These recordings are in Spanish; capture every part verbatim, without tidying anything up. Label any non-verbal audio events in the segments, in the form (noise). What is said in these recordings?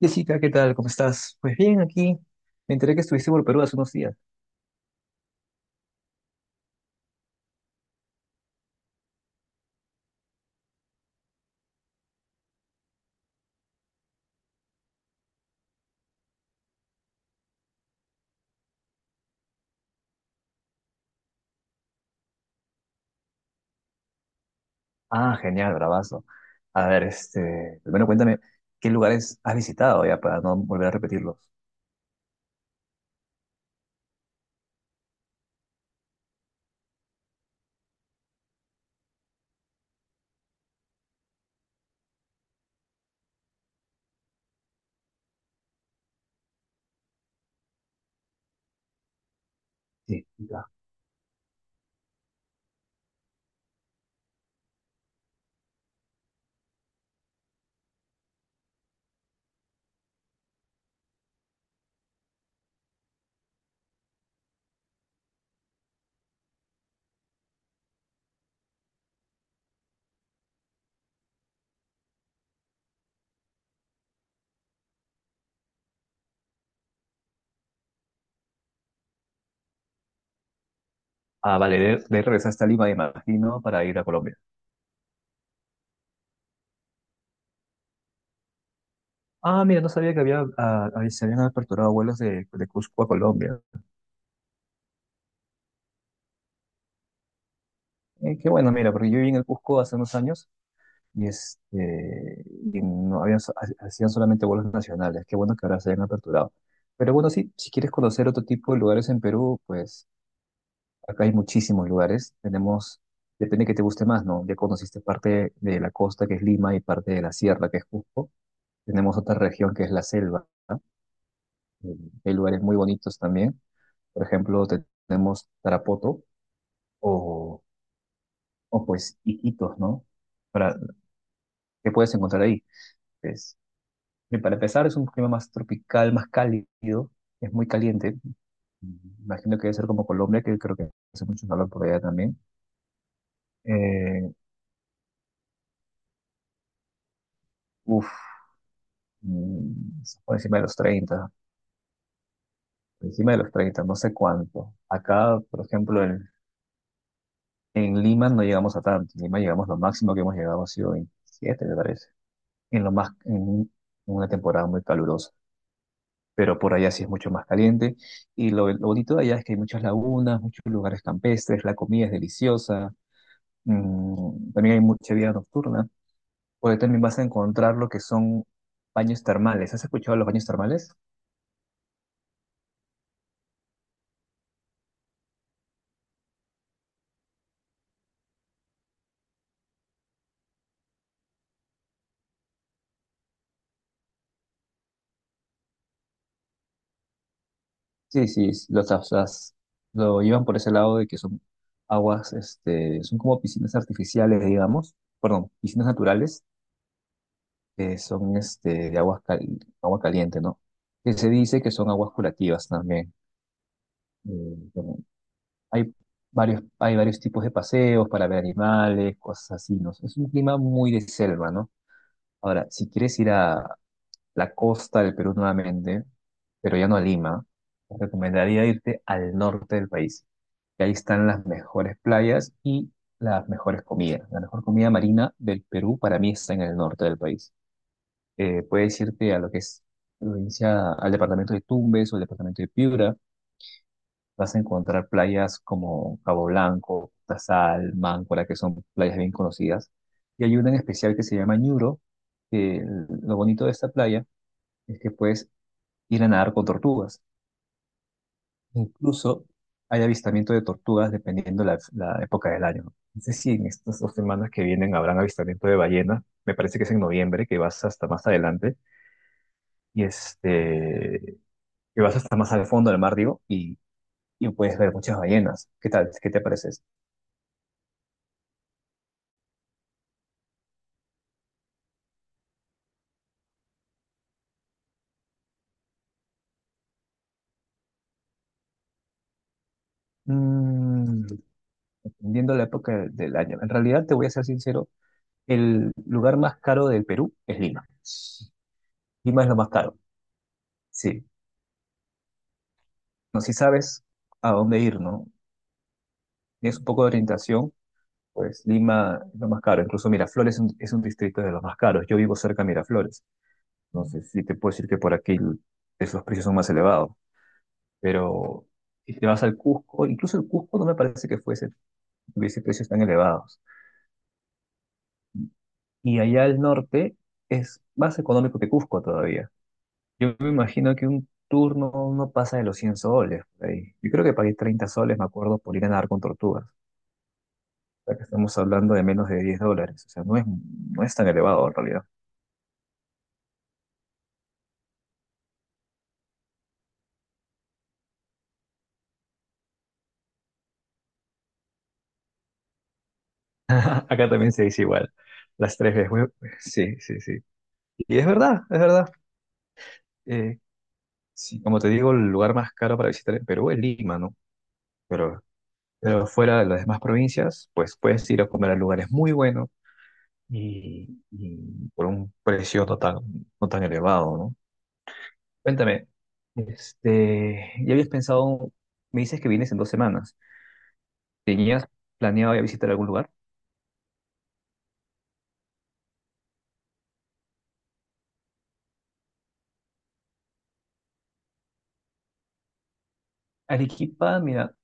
Jessica, ¿qué tal? ¿Cómo estás? Pues bien, aquí me enteré que estuviste por Perú hace unos días. Ah, genial, bravazo. A ver, este, primero cuéntame, ¿qué lugares has visitado ya para no volver a repetirlos? Sí, ya. Ah, vale, de, de ahí regresaste a Lima, me imagino, para ir a Colombia. Ah, mira, no sabía que había, ah, ah, se habían aperturado vuelos de, de Cusco a Colombia. Eh, qué bueno, mira, porque yo viví en el Cusco hace unos años y, este, y no habían, so- ha- hacían solamente vuelos nacionales. Qué bueno que ahora se hayan aperturado. Pero bueno, sí, si quieres conocer otro tipo de lugares en Perú, pues acá hay muchísimos lugares. Tenemos, depende que te guste más, ¿no? Ya conociste parte de la costa, que es Lima, y parte de la sierra, que es Cusco. Tenemos otra región, que es la selva, ¿no? Eh, Hay lugares muy bonitos también. Por ejemplo, te- tenemos Tarapoto o, o pues Iquitos, ¿no? Para, ¿qué puedes encontrar ahí? Pues, bien, para empezar, es un clima más tropical, más cálido, es muy caliente. Imagino que debe ser como Colombia, que creo que hace mucho calor por allá también. Eh, uf, mm, por encima de los treinta, por encima de los treinta, no sé cuánto. Acá, por ejemplo, en, en Lima no llegamos a tanto. En Lima llegamos, lo máximo que hemos llegado ha sido veintisiete, me parece, en, lo más, en un- en una temporada muy calurosa. Pero por allá sí es mucho más caliente. Y lo, lo bonito de allá es que hay muchas lagunas, muchos lugares campestres, la comida es deliciosa. Mm, también hay mucha vida nocturna, porque también vas a encontrar lo que son baños termales. ¿Has escuchado de los baños termales? Sí, sí, s- los, las- las- lo llevan por ese lado de que son aguas, este, son como piscinas artificiales, digamos, perdón, piscinas naturales, que son este, de aguas cal- agua caliente, ¿no? Que se dice que son aguas curativas también. Eh, bueno, hay varios, hay varios tipos de paseos para ver animales, cosas así, ¿no? Es un clima muy de selva, ¿no? Ahora, si quieres ir a la costa del Perú nuevamente, pero ya no a Lima, te recomendaría irte al norte del país, que ahí están las mejores playas y las mejores comidas. La mejor comida marina del Perú para mí está en el norte del país. Eh, puedes irte a lo que es provincia, al departamento de Tumbes o el departamento de Piura. Vas a encontrar playas como Cabo Blanco, Tazal, Máncora, que son playas bien conocidas. Y hay una en especial que se llama Ñuro, que lo bonito de esta playa es que puedes ir a nadar con tortugas. Incluso hay avistamiento de tortugas dependiendo la, la época del año. No sé si en estas dos semanas que vienen habrán avistamiento de ballena. Me parece que es en noviembre, que vas hasta más adelante y este, que vas hasta más al fondo del mar, digo, y, y puedes ver muchas ballenas. ¿Qué tal? ¿Qué te parece eso? Mm, Dependiendo la época del del año. En realidad, te voy a ser sincero, el lugar más caro del Perú es Lima. Lima es lo más caro. Sí. No sé si sabes a dónde ir, ¿no? Tienes un poco de orientación, pues Lima es lo más caro. Incluso Miraflores es un, es un distrito de los más caros. Yo vivo cerca de Miraflores. Entonces, sí te puedo decir que por aquí es- los precios son más elevados. Pero si te vas al Cusco, incluso el Cusco no me parece que fuese, tuviese precios tan elevados. Y allá al norte es más económico que Cusco todavía. Yo me imagino que un turno no pasa de los cien soles por ahí. Yo creo que pagué treinta soles, me acuerdo, por ir a nadar con tortugas. Sea, que estamos hablando de menos de diez dólares. O sea, no es, no es tan elevado en realidad. (laughs) Acá también se dice igual. Las tres veces, güey. Sí, sí, sí. Y es verdad, es verdad. Eh, sí, como te digo, el lugar más caro para visitar en Perú es Lima, ¿no? Pero, pero fuera de las demás provincias, pues puedes ir a comer a lugares muy buenos y, y por un precio no tan, no tan elevado, ¿no? Cuéntame, este, ya habías pensado, me dices que vienes en dos semanas. ¿Tenías planeado ya visitar algún lugar? Arequipa, mira,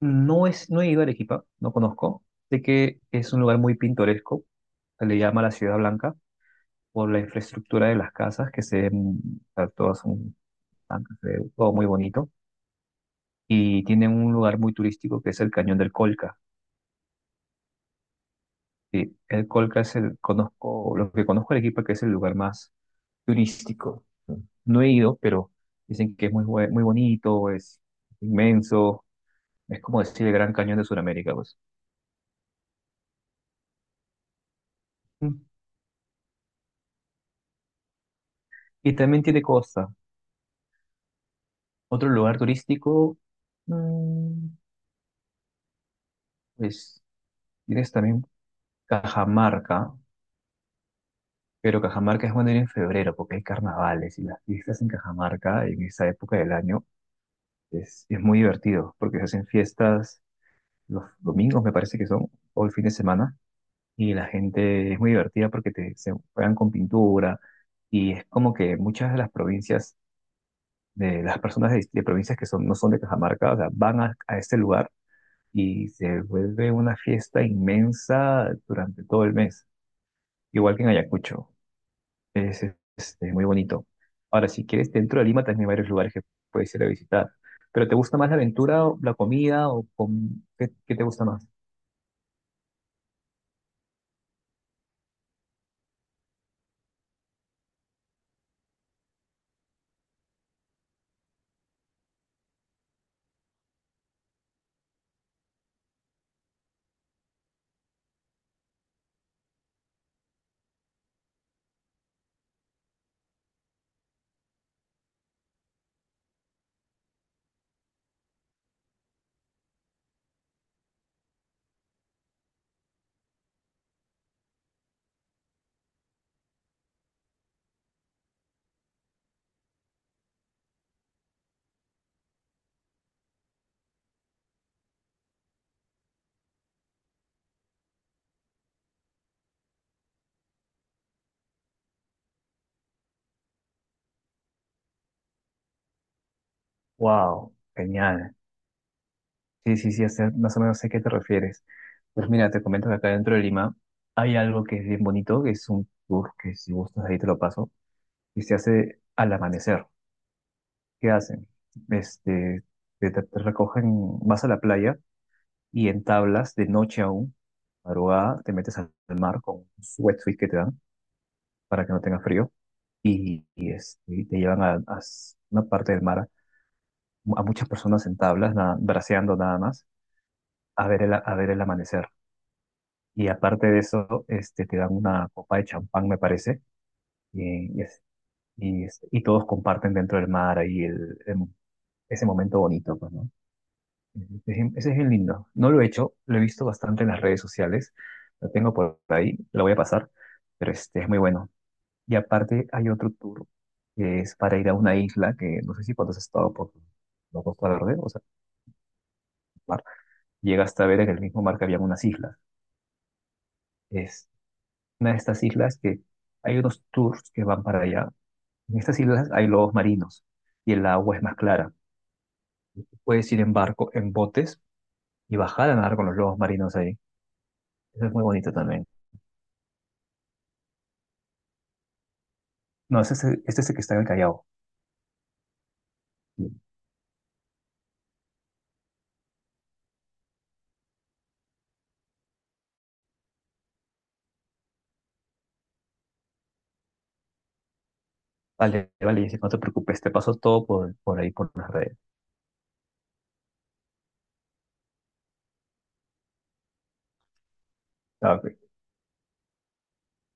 no es, no he ido a Arequipa, no conozco. Sé que es un lugar muy pintoresco, se le llama la Ciudad Blanca, por la infraestructura de las casas, que se ven, o sea, todas son blancas, se ve todo muy bonito. Y tienen un lugar muy turístico que es el Cañón del Colca. Sí, el Colca es el, conozco, lo que conozco de Arequipa, que es el lugar más turístico. No he ido, pero dicen que es muy, bue- muy bonito, es inmenso, es como decir el Gran Cañón de Sudamérica, pues. Y también tiene costa. Otro lugar turístico, mm, pues tienes también Cajamarca, pero Cajamarca es bueno ir en febrero porque hay carnavales y las fiestas en Cajamarca en esa época del año es, es muy divertido porque se hacen fiestas los domingos, me parece que son, o el fin de semana, y la gente es muy divertida porque te, se juegan con pintura y es como que muchas de las provincias, de las personas de, de provincias que son, no son de Cajamarca, o sea, van a a este lugar y se vuelve una fiesta inmensa durante todo el mes, igual que en Ayacucho. Es este, muy bonito. Ahora, si quieres, dentro de Lima también hay varios lugares que puedes ir a visitar. ¿Pero te gusta más la aventura, o la comida o com- ¿Qué, qué te gusta más? Wow, genial. Sí, sí, sí, hace- más o menos sé a qué te refieres. Pues mira, te comento que acá dentro de Lima hay algo que es bien bonito, que es un tour que si gustas ahí te lo paso, y se hace al amanecer. ¿Qué hacen? Este, te, te- te recogen, vas a la playa y en tablas, de noche aún, madrugada, te metes al al mar con un wetsuit que te dan para que no tengas frío y, y, este, y te llevan a, a s- una parte del mar, a muchas personas en tablas, na- braceando nada más, a ver el, a a ver el amanecer. Y aparte de eso, este, te dan una copa de champán, me parece, y, y, es- y, este, y todos comparten dentro del mar ahí el, el- ese momento bonito, pues, ¿no? Ese es ese es bien lindo. No lo he hecho, lo he visto bastante en las redes sociales. Lo tengo por ahí, lo voy a pasar, pero este es muy bueno. Y aparte hay otro tour que es para ir a una isla que no sé si cuando has estado por la Costa Verde, o sea, mar, llegas hasta ver en el mismo mar que había unas islas. Es una de estas islas que hay unos tours que van para allá. En estas islas hay lobos marinos y el agua es más clara. Puedes ir en barco, en botes y bajar a nadar con los lobos marinos ahí. Eso es muy bonito también. No, este es el, este es el que está en el Callao. Vale, vale, dice, no te preocupes, te paso todo por, por ahí, por las redes. Ah, ok.